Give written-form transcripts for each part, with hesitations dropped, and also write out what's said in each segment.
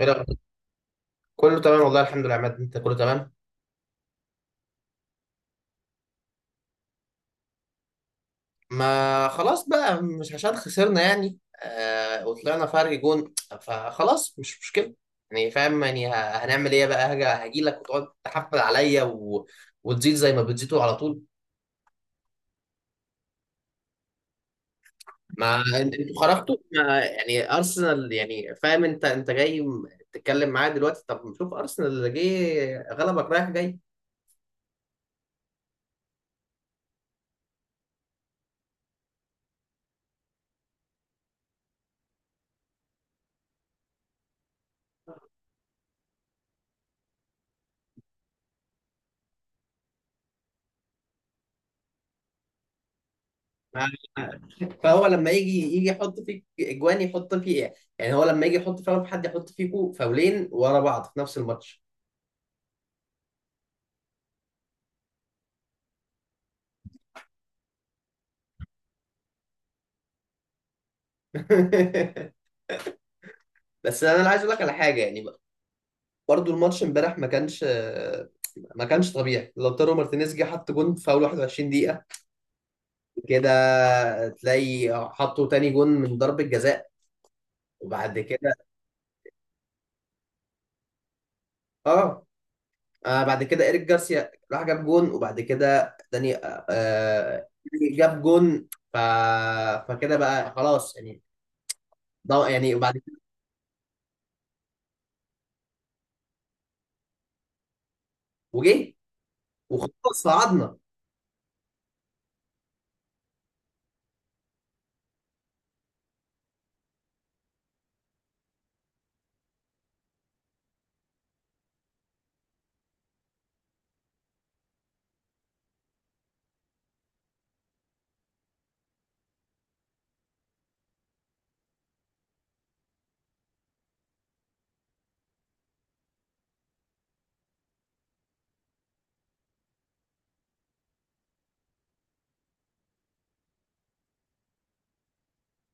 ايه رأيك؟ كله تمام، والله الحمد لله يا عماد، انت كله تمام؟ ما خلاص بقى، مش عشان خسرنا يعني. آه، وطلعنا فرق جون، فخلاص مش مشكلة، يعني فاهم يعني، هنعمل ايه بقى؟ هاجي لك وتقعد تحفل عليا وتزيد زي ما بتزيدوا على طول. ما انتوا خرجتوا، ما يعني ارسنال، يعني فاهم، انت جاي تتكلم معايا دلوقتي؟ طب شوف ارسنال اللي جه غلبك رايح جاي. آه، فهو لما يجي يحط فيك اجوان، يحط فيه ايه؟ يعني هو لما يجي يحط فعلا في حد، يحط فيكو فاولين ورا بعض في نفس الماتش. بس انا عايز اقول لك على حاجه يعني بقى. برضو الماتش امبارح ما كانش ما كانش طبيعي. لوتارو مارتينيز جه حط جون في اول 21 دقيقه، كده تلاقي حطوا تاني جون من ضربه جزاء، وبعد كده اه بعد كده إيريك جارسيا راح جاب جون، وبعد كده داني، جاب جون. ف... فكده بقى خلاص يعني، ده يعني وبعد كده وجه، وخلاص صعدنا.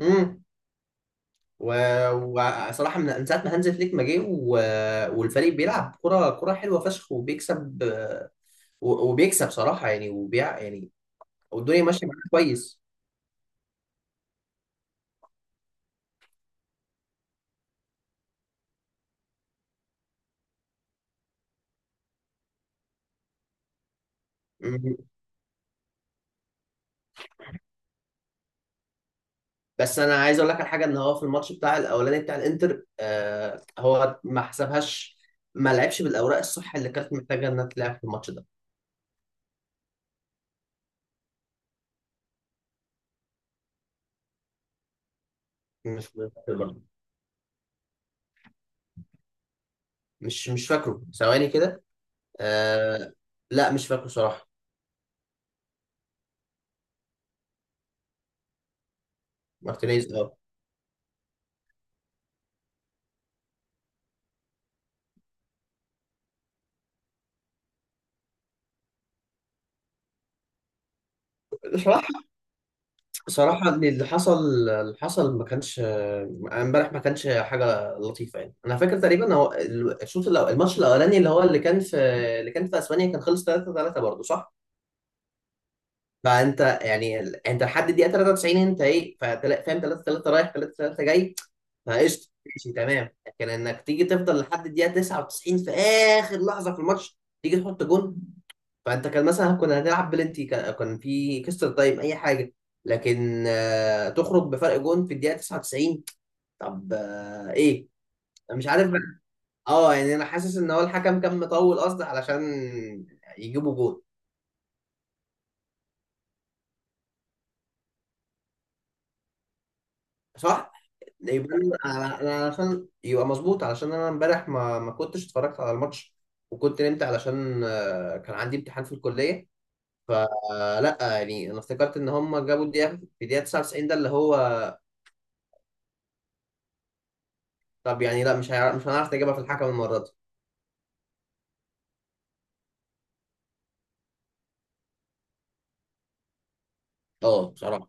امم و... وصراحة، من ساعة ما هانز فليك ما جه، والفريق بيلعب كرة حلوة فشخ وبيكسب، وبيكسب صراحة يعني، يعني والدنيا ماشية معاه كويس. بس انا عايز اقول لك على حاجه، ان هو في الماتش بتاع الاولاني بتاع الانتر، هو ما حسبهاش، ما لعبش بالاوراق الصح اللي كانت محتاجه انها تلعب في الماتش ده. مش فاكر برضه. مش فاكره، ثواني كده. آه. لا مش فاكره صراحه. مارتينيز، اه. صراحه، صراحه إن اللي حصل، ما كانش، امبارح ما كانش حاجه لطيفه يعني. انا فاكر تقريبا هو الماتش الاولاني اللي هو اللي كان في، اسبانيا كان خلص 3-3 برضه، صح؟ فانت يعني انت لحد الدقيقه 93، انت ايه؟ فاهم 3-3 رايح 3-3 جاي. فقشطه ماشي تمام، لكن انك تيجي تفضل لحد الدقيقه 99 في اخر لحظه في الماتش تيجي تحط جون. فانت كان مثلا كنا هنلعب بلنتي، كان في كسر تايم، اي حاجه، لكن تخرج بفرق جون في الدقيقه 99؟ طب ايه؟ أنا مش عارف بقى. اه يعني انا حاسس ان هو الحكم كان مطول قصد علشان يجيبوا جون، صح؟ يبقى انا، أنا علشان يبقى مظبوط، علشان انا امبارح ما كنتش اتفرجت على الماتش، وكنت نمت علشان كان عندي امتحان في الكليه. فلا يعني انا افتكرت ان هم جابوا الدقيقه في الدقيقه 99 ده اللي هو. طب يعني لا، مش هيعرف، مش هنعرف نجيبها في الحكم المره دي. اه بصراحه.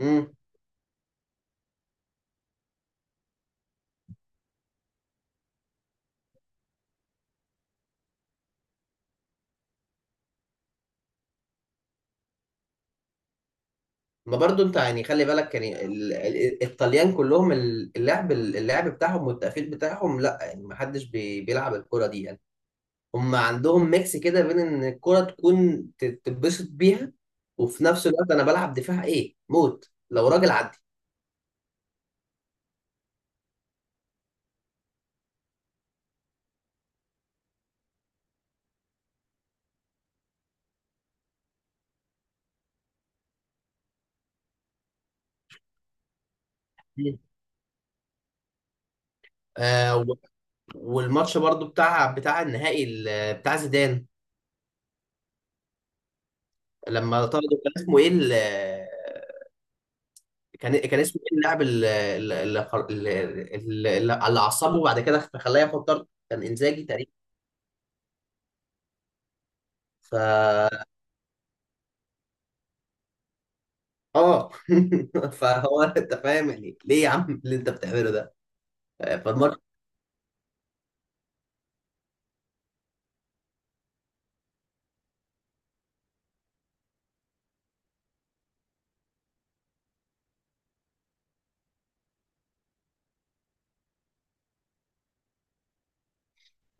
امم ما برضو انت يعني خلي بالك يعني، الطليان كلهم، اللعب بتاعهم والتقفيل بتاعهم لا، يعني ما حدش بيلعب الكره دي. هم عندهم ميكس كده بين ان الكرة تكون تتبسط بيها، وفي نفس الوقت انا بلعب دفاع ايه، موت لو راجل عدي. مم. آه و- والماتش برضو بتاع النهائي بتاع زيدان، لما طردوا، كان اسمه ايه كان اسمه ايه اللاعب اللي عصبه وبعد كده خلاه ياخد طرد؟ كان انزاجي تقريبا. ف اه. فهو انت فاهم يعني ليه يا عم اللي انت بتعمله ده؟ فالماتش،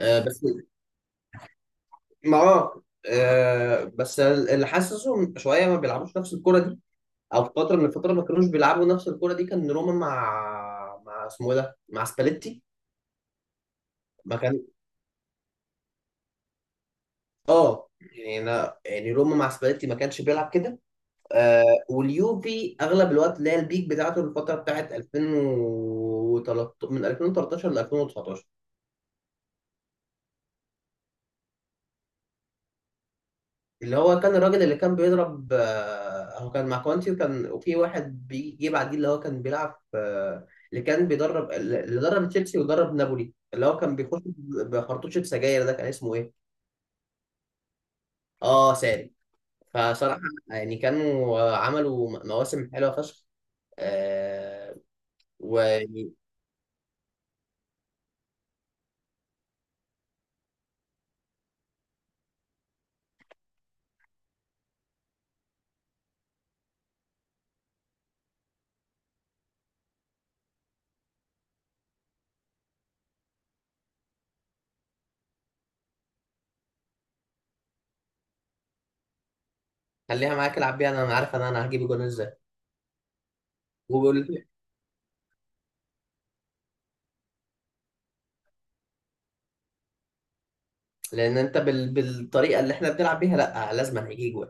آه، بس بس اللي حاسسهم شويه ما بيلعبوش نفس الكره دي، او في فتره من الفترات ما كانوش بيلعبوا نفس الكره دي. كان روما مع، اسمه إيه ده، مع سباليتي، ما كان اه يعني. انا يعني روما مع سباليتي ما كانش بيلعب كده. آه واليوفي اغلب الوقت اللي هي البيك بتاعته الفتره بتاعت 2013، من 2013 ل 2019، اللي هو كان الراجل اللي كان بيضرب، هو كان مع كوانتي، وكان وفي واحد بيجي بعديه اللي هو كان بيلعب في، اللي كان بيدرب، اللي درب تشيلسي ودرب نابولي، اللي هو كان بيخش بخرطوشة سجاير، ده كان اسمه ايه؟ اه، ساري. فصراحة يعني كانوا، عملوا مواسم حلوة فشخ. آه وخليها معاك، العب بيها. انا، عارف، انا هجيب جون ازاي؟ وبيقول، لان انت بالطريقة اللي احنا بنلعب بيها لا لازم هيجي جون.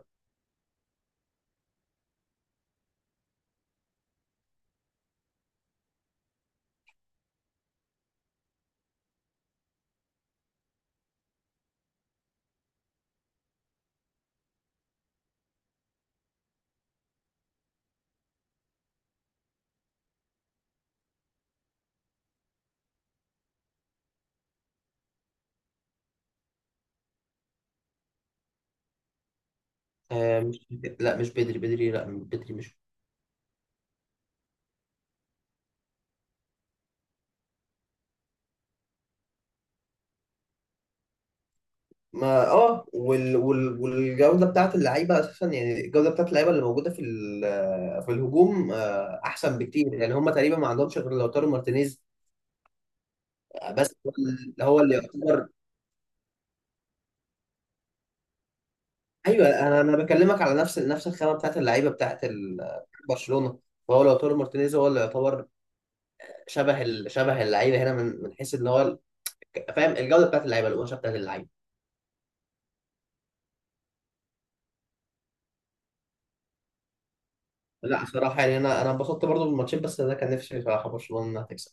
مش، لا، مش بدري، بدري، لا بدري مش. ما اه والجوده بتاعت اللعيبه اساسا، يعني الجوده بتاعت اللعيبه اللي موجوده في في الهجوم احسن بكتير. يعني هم تقريبا ما عندهمش غير لوتارو مارتينيز، بس هو اللي، يعتبر. ايوه انا بكلمك على نفس الخامه بتاعت اللعيبه بتاعت برشلونه. فهو لوتارو مارتينيز هو اللي يعتبر شبه شبه اللعيبه هنا، من حيث ان هو فاهم الجوده بتاعت اللعيبه، القماشه بتاعت اللعيبه. لا صراحه يعني انا انبسطت برضو بالماتشين، بس ده كان نفسي بصراحه برشلونه انها تكسب.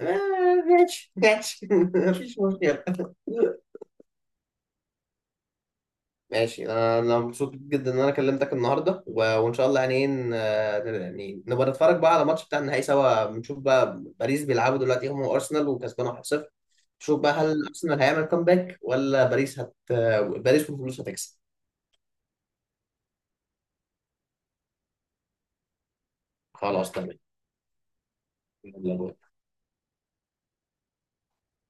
آه، ماشي ماشي. مفيش مشكلة. ماشي. انا مبسوط جدا ان انا كلمتك النهارده، وان شاء الله يعني إيه، يعني نبقى نتفرج بقى على الماتش بتاع النهائي سوا. نشوف بقى، باريس بيلعبوا دلوقتي هم وارسنال وكسبان 1-0. نشوف بقى هل ارسنال هيعمل كومباك ولا باريس والفلوس هتكسب. خلاص تمام. يلا باي.